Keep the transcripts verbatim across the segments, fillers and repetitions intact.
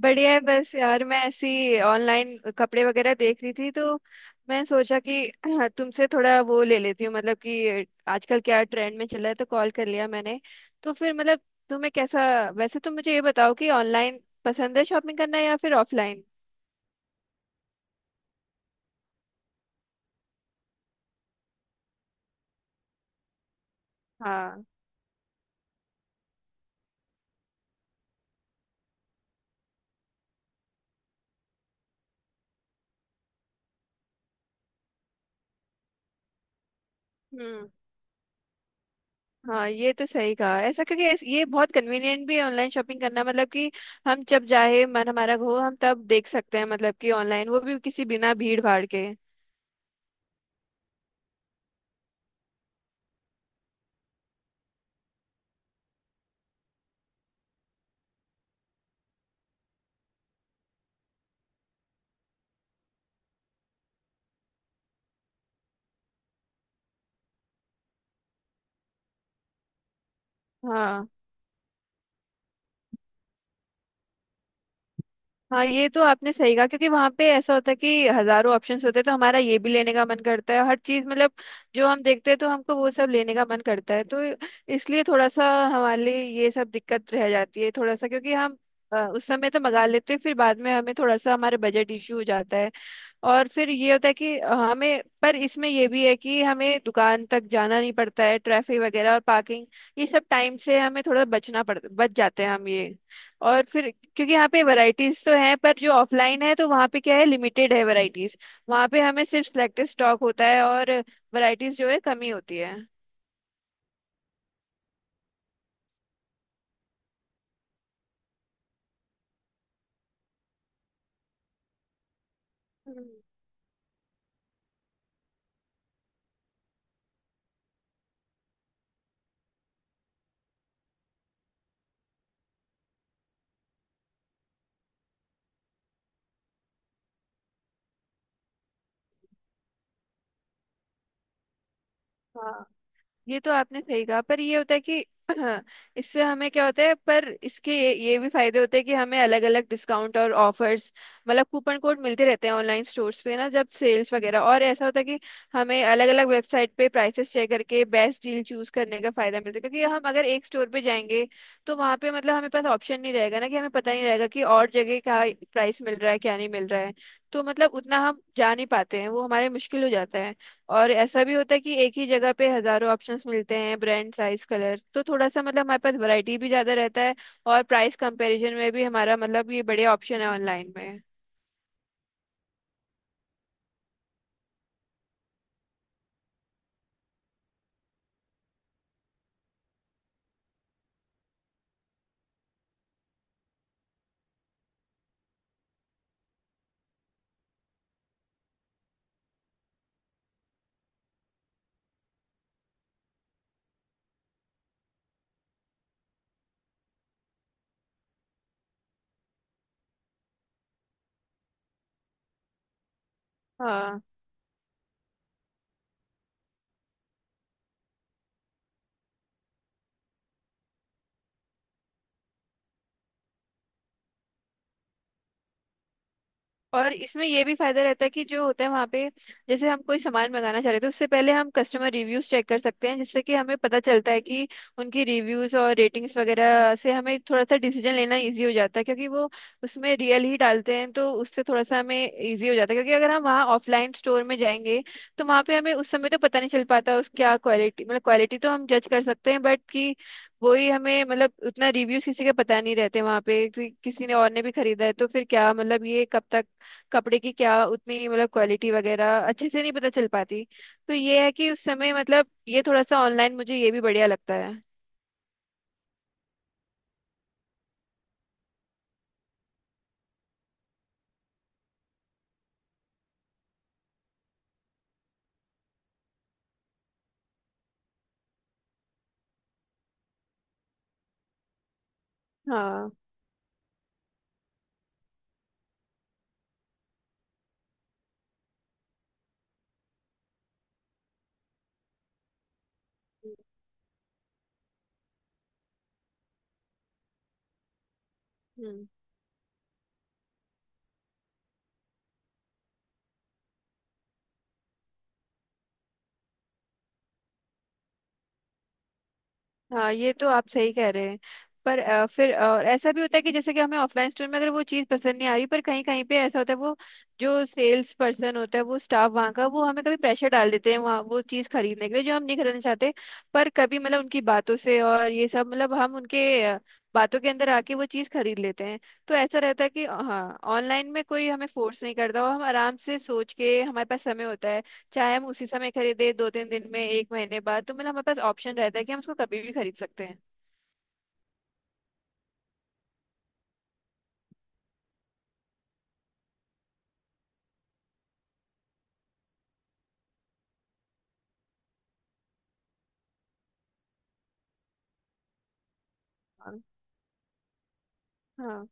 बढ़िया है। बस यार, मैं ऐसी ऑनलाइन कपड़े वगैरह देख रही थी, तो मैं सोचा कि हाँ, तुमसे थोड़ा वो ले लेती हूँ, मतलब कि आजकल क्या ट्रेंड में चला है, तो कॉल कर लिया मैंने। तो फिर मतलब तुम्हें कैसा। वैसे तुम मुझे ये बताओ कि ऑनलाइन पसंद है शॉपिंग करना या फिर ऑफलाइन। हाँ। हम्म। हाँ, ये तो सही कहा ऐसा, क्योंकि ऐस- ये बहुत कन्वीनियंट भी है ऑनलाइन शॉपिंग करना, मतलब कि हम जब चाहे मन हमारा हो हम तब देख सकते हैं, मतलब कि ऑनलाइन वो भी किसी बिना भीड़ भाड़ के। हाँ। हाँ, ये तो आपने सही कहा क्योंकि वहां पे ऐसा होता है कि हजारों ऑप्शंस होते हैं, तो हमारा ये भी लेने का मन करता है हर चीज, मतलब जो हम देखते हैं तो हमको वो सब लेने का मन करता है, तो इसलिए थोड़ा सा हमारे लिए ये सब दिक्कत रह जाती है थोड़ा सा, क्योंकि हम अ, उस समय तो मंगा लेते हैं, फिर बाद में हमें थोड़ा सा हमारे बजट इशू हो जाता है। और फिर ये होता है कि हमें, पर इसमें ये भी है कि हमें दुकान तक जाना नहीं पड़ता है, ट्रैफिक वगैरह और पार्किंग ये सब टाइम से हमें थोड़ा बचना पड़ बच जाते हैं हम ये। और फिर क्योंकि यहाँ पे वैरायटीज तो हैं, पर जो ऑफलाइन है तो वहाँ पे क्या है, लिमिटेड है वैरायटीज। वहाँ पे हमें सिर्फ सिलेक्टेड स्टॉक होता है, और वैरायटीज जो है कमी होती है। हम्म, हाँ, ये तो आपने सही कहा पर ये होता है कि इससे हमें क्या होता है, पर इसके ये, ये भी फायदे होते हैं कि हमें अलग अलग डिस्काउंट और ऑफर्स, मतलब कूपन कोड मिलते रहते हैं ऑनलाइन स्टोर्स पे ना जब सेल्स वगैरह, और ऐसा होता है कि हमें अलग अलग वेबसाइट पे प्राइसेस चेक करके बेस्ट डील चूज करने का फायदा मिलता है, क्योंकि हम अगर एक स्टोर पे जाएंगे तो वहाँ पे मतलब हमें पास ऑप्शन नहीं रहेगा ना, कि हमें पता नहीं रहेगा कि और जगह क्या प्राइस मिल रहा है क्या नहीं मिल रहा है। तो मतलब उतना हम जा नहीं पाते हैं वो हमारे मुश्किल हो जाता है। और ऐसा भी होता है कि एक ही जगह पे हजारों ऑप्शंस मिलते हैं, ब्रांड साइज कलर, तो थोड़ा सा मतलब हमारे पास वैरायटी भी ज्यादा रहता है, और प्राइस कंपैरिजन में भी हमारा मतलब ये बढ़िया ऑप्शन है ऑनलाइन में। हाँ। और इसमें ये भी फायदा रहता है कि जो होता है वहाँ पे, जैसे हम कोई सामान मंगाना चाह रहे थे उससे पहले हम कस्टमर रिव्यूज चेक कर सकते हैं, जिससे कि हमें पता चलता है कि उनकी रिव्यूज और रेटिंग्स वगैरह से हमें थोड़ा सा डिसीजन लेना इजी हो जाता है, क्योंकि वो उसमें रियल ही डालते हैं तो उससे थोड़ा सा हमें इजी हो जाता है, क्योंकि अगर हम वहाँ ऑफलाइन स्टोर में जाएंगे तो वहाँ पे हमें उस समय तो पता नहीं चल पाता, उस क्या क्वालिटी, मतलब क्वालिटी तो हम जज कर सकते हैं बट कि वही हमें, मतलब उतना रिव्यूज किसी के पता नहीं रहते वहाँ पे, कि किसी ने और ने भी खरीदा है तो फिर क्या, मतलब ये कब तक कपड़े की क्या उतनी, मतलब क्वालिटी वगैरह अच्छे से नहीं पता चल पाती। तो ये है कि उस समय मतलब ये थोड़ा सा ऑनलाइन मुझे ये भी बढ़िया लगता है। हाँ। हम्म। हाँ, ये तो आप सही कह रहे हैं, पर अ, फिर अ, ऐसा भी होता है कि जैसे कि हमें ऑफलाइन स्टोर में अगर वो चीज़ पसंद नहीं आ रही, पर कहीं कहीं पे ऐसा होता है वो जो सेल्स पर्सन होता है वो स्टाफ वहाँ का वो हमें कभी प्रेशर डाल देते हैं वहाँ वो चीज़ खरीदने के लिए जो हम नहीं खरीदना चाहते, पर कभी मतलब उनकी बातों से और ये सब मतलब हम उनके अ, बातों के अंदर आके वो चीज़ खरीद लेते हैं। तो ऐसा रहता है कि हाँ ऑनलाइन में कोई हमें फोर्स नहीं करता, और हम आराम से सोच के हमारे पास समय होता है, चाहे हम उसी समय खरीदे दो तीन दिन में एक महीने बाद, तो मतलब हमारे पास ऑप्शन रहता है कि हम उसको कभी भी खरीद सकते हैं। हाँ।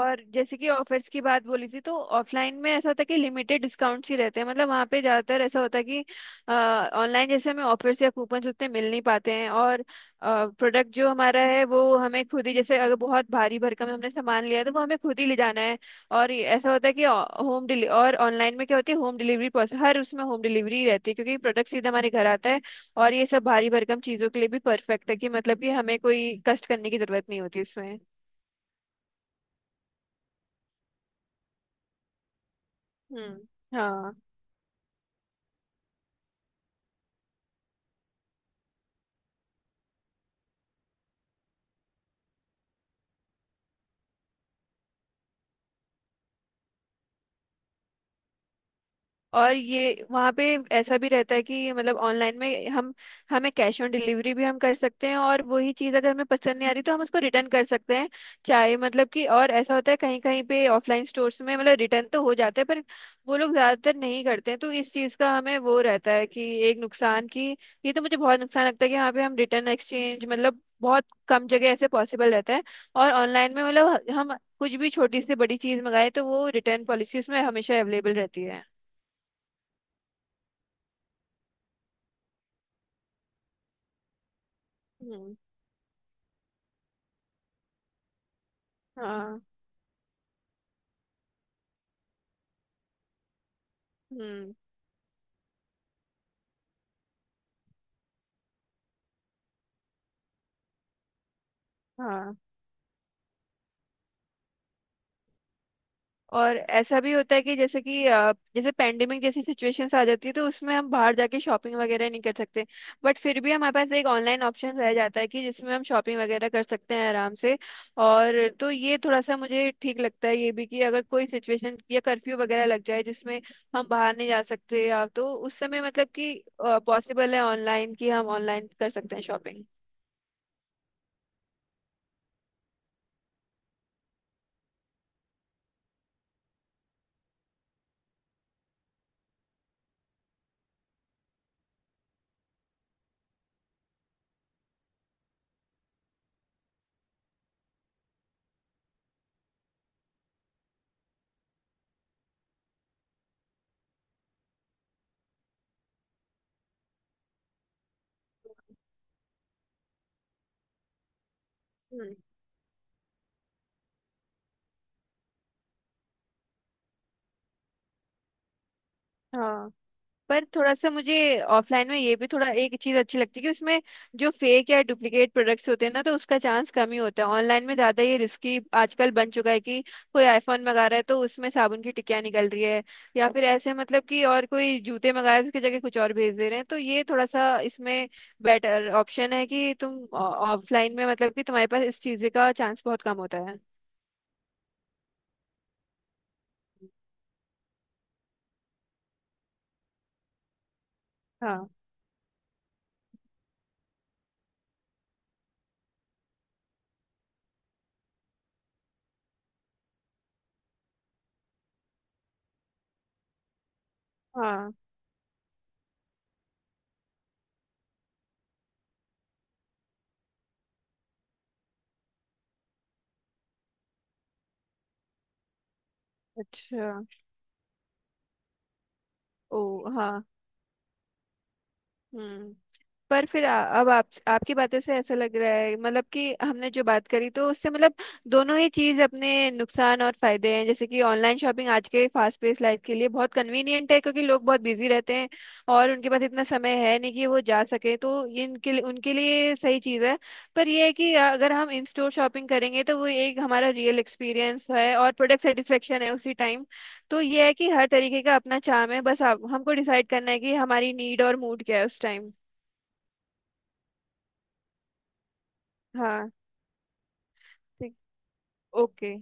और जैसे कि ऑफर्स की बात बोली थी, तो ऑफलाइन में ऐसा होता है कि लिमिटेड डिस्काउंट्स ही रहते हैं, मतलब वहाँ पे ज़्यादातर ऐसा होता है कि ऑनलाइन जैसे हमें ऑफर्स या कूपन्स उतने मिल नहीं पाते हैं, और प्रोडक्ट जो हमारा है वो हमें खुद ही, जैसे अगर बहुत भारी भरकम हमने सामान लिया है, तो वो हमें खुद ही ले जाना है। और ये ऐसा होता है कि होम डिली और ऑनलाइन में क्या होती है, होम डिलीवरी पॉसिबल, हर उसमें होम डिलीवरी रहती है क्योंकि प्रोडक्ट सीधा हमारे घर आता है। और ये सब भारी भरकम चीज़ों के लिए भी परफेक्ट है कि, मतलब कि हमें कोई कष्ट करने की ज़रूरत नहीं होती इसमें। हम्म। हाँ। और ये वहाँ पे ऐसा भी रहता है कि मतलब ऑनलाइन में हम हमें कैश ऑन डिलीवरी भी हम कर सकते हैं, और वही चीज़ अगर हमें पसंद नहीं आ रही तो हम उसको रिटर्न कर सकते हैं, चाहे मतलब कि, और ऐसा होता है कहीं कहीं पे ऑफलाइन स्टोर्स में मतलब रिटर्न तो हो जाता है पर वो लोग ज़्यादातर नहीं करते हैं, तो इस चीज़ का हमें वो रहता है कि एक नुकसान की। ये तो मुझे बहुत नुकसान लगता है कि यहाँ पे हम रिटर्न एक्सचेंज मतलब बहुत कम जगह ऐसे पॉसिबल रहता है, और ऑनलाइन में मतलब हम कुछ भी छोटी से बड़ी चीज़ मंगाए तो वो रिटर्न पॉलिसी उसमें हमेशा अवेलेबल रहती है। हाँ। हम्म। हाँ। और ऐसा भी होता है कि जैसे कि अ, जैसे पेंडेमिक जैसी सिचुएशंस आ जाती है तो उसमें हम बाहर जाके शॉपिंग वगैरह नहीं कर सकते, बट फिर भी हमारे पास एक ऑनलाइन ऑप्शन रह जाता है कि जिसमें हम शॉपिंग वगैरह कर सकते हैं आराम से। और तो ये थोड़ा सा मुझे ठीक लगता है ये भी, कि अगर कोई सिचुएशन या कर्फ्यू वगैरह लग जाए जिसमें हम बाहर नहीं जा सकते, या तो उस समय मतलब कि पॉसिबल है ऑनलाइन, कि हम ऑनलाइन कर सकते हैं शॉपिंग। हम्म। हाँ। पर थोड़ा सा मुझे ऑफलाइन में ये भी थोड़ा एक चीज अच्छी लगती है कि उसमें जो फेक या डुप्लीकेट प्रोडक्ट्स होते हैं ना, तो उसका चांस कम ही होता है। ऑनलाइन में ज्यादा ये रिस्की आजकल बन चुका है कि कोई आईफोन मंगा रहा है तो उसमें साबुन की टिकिया निकल रही है, या फिर ऐसे मतलब कि, और कोई जूते मंगा रहे हैं उसकी जगह कुछ और भेज दे रहे हैं, तो ये थोड़ा सा इसमें बेटर ऑप्शन है कि तुम ऑफलाइन में मतलब कि तुम्हारे पास इस चीज का चांस बहुत कम होता है। हाँ। हाँ। अच्छा। ओ। हाँ। हम्म। पर फिर आ, अब आप आपकी बातों से ऐसा लग रहा है, मतलब कि हमने जो बात करी तो उससे मतलब दोनों ही चीज अपने नुकसान और फायदे हैं, जैसे कि ऑनलाइन शॉपिंग आज के फास्ट पेस लाइफ के लिए बहुत कन्वीनियंट है क्योंकि लोग बहुत बिजी रहते हैं, और उनके पास इतना समय है नहीं कि वो जा सके, तो ये इनके लिए उनके लिए सही चीज है। पर ये है कि अगर हम इन स्टोर शॉपिंग करेंगे तो वो एक हमारा रियल एक्सपीरियंस है और प्रोडक्ट सेटिस्फेक्शन है उसी टाइम। तो ये है कि हर तरीके का अपना चार्म है, बस आप हमको डिसाइड करना है कि हमारी नीड और मूड क्या है उस टाइम। हाँ। ठीक। ओके।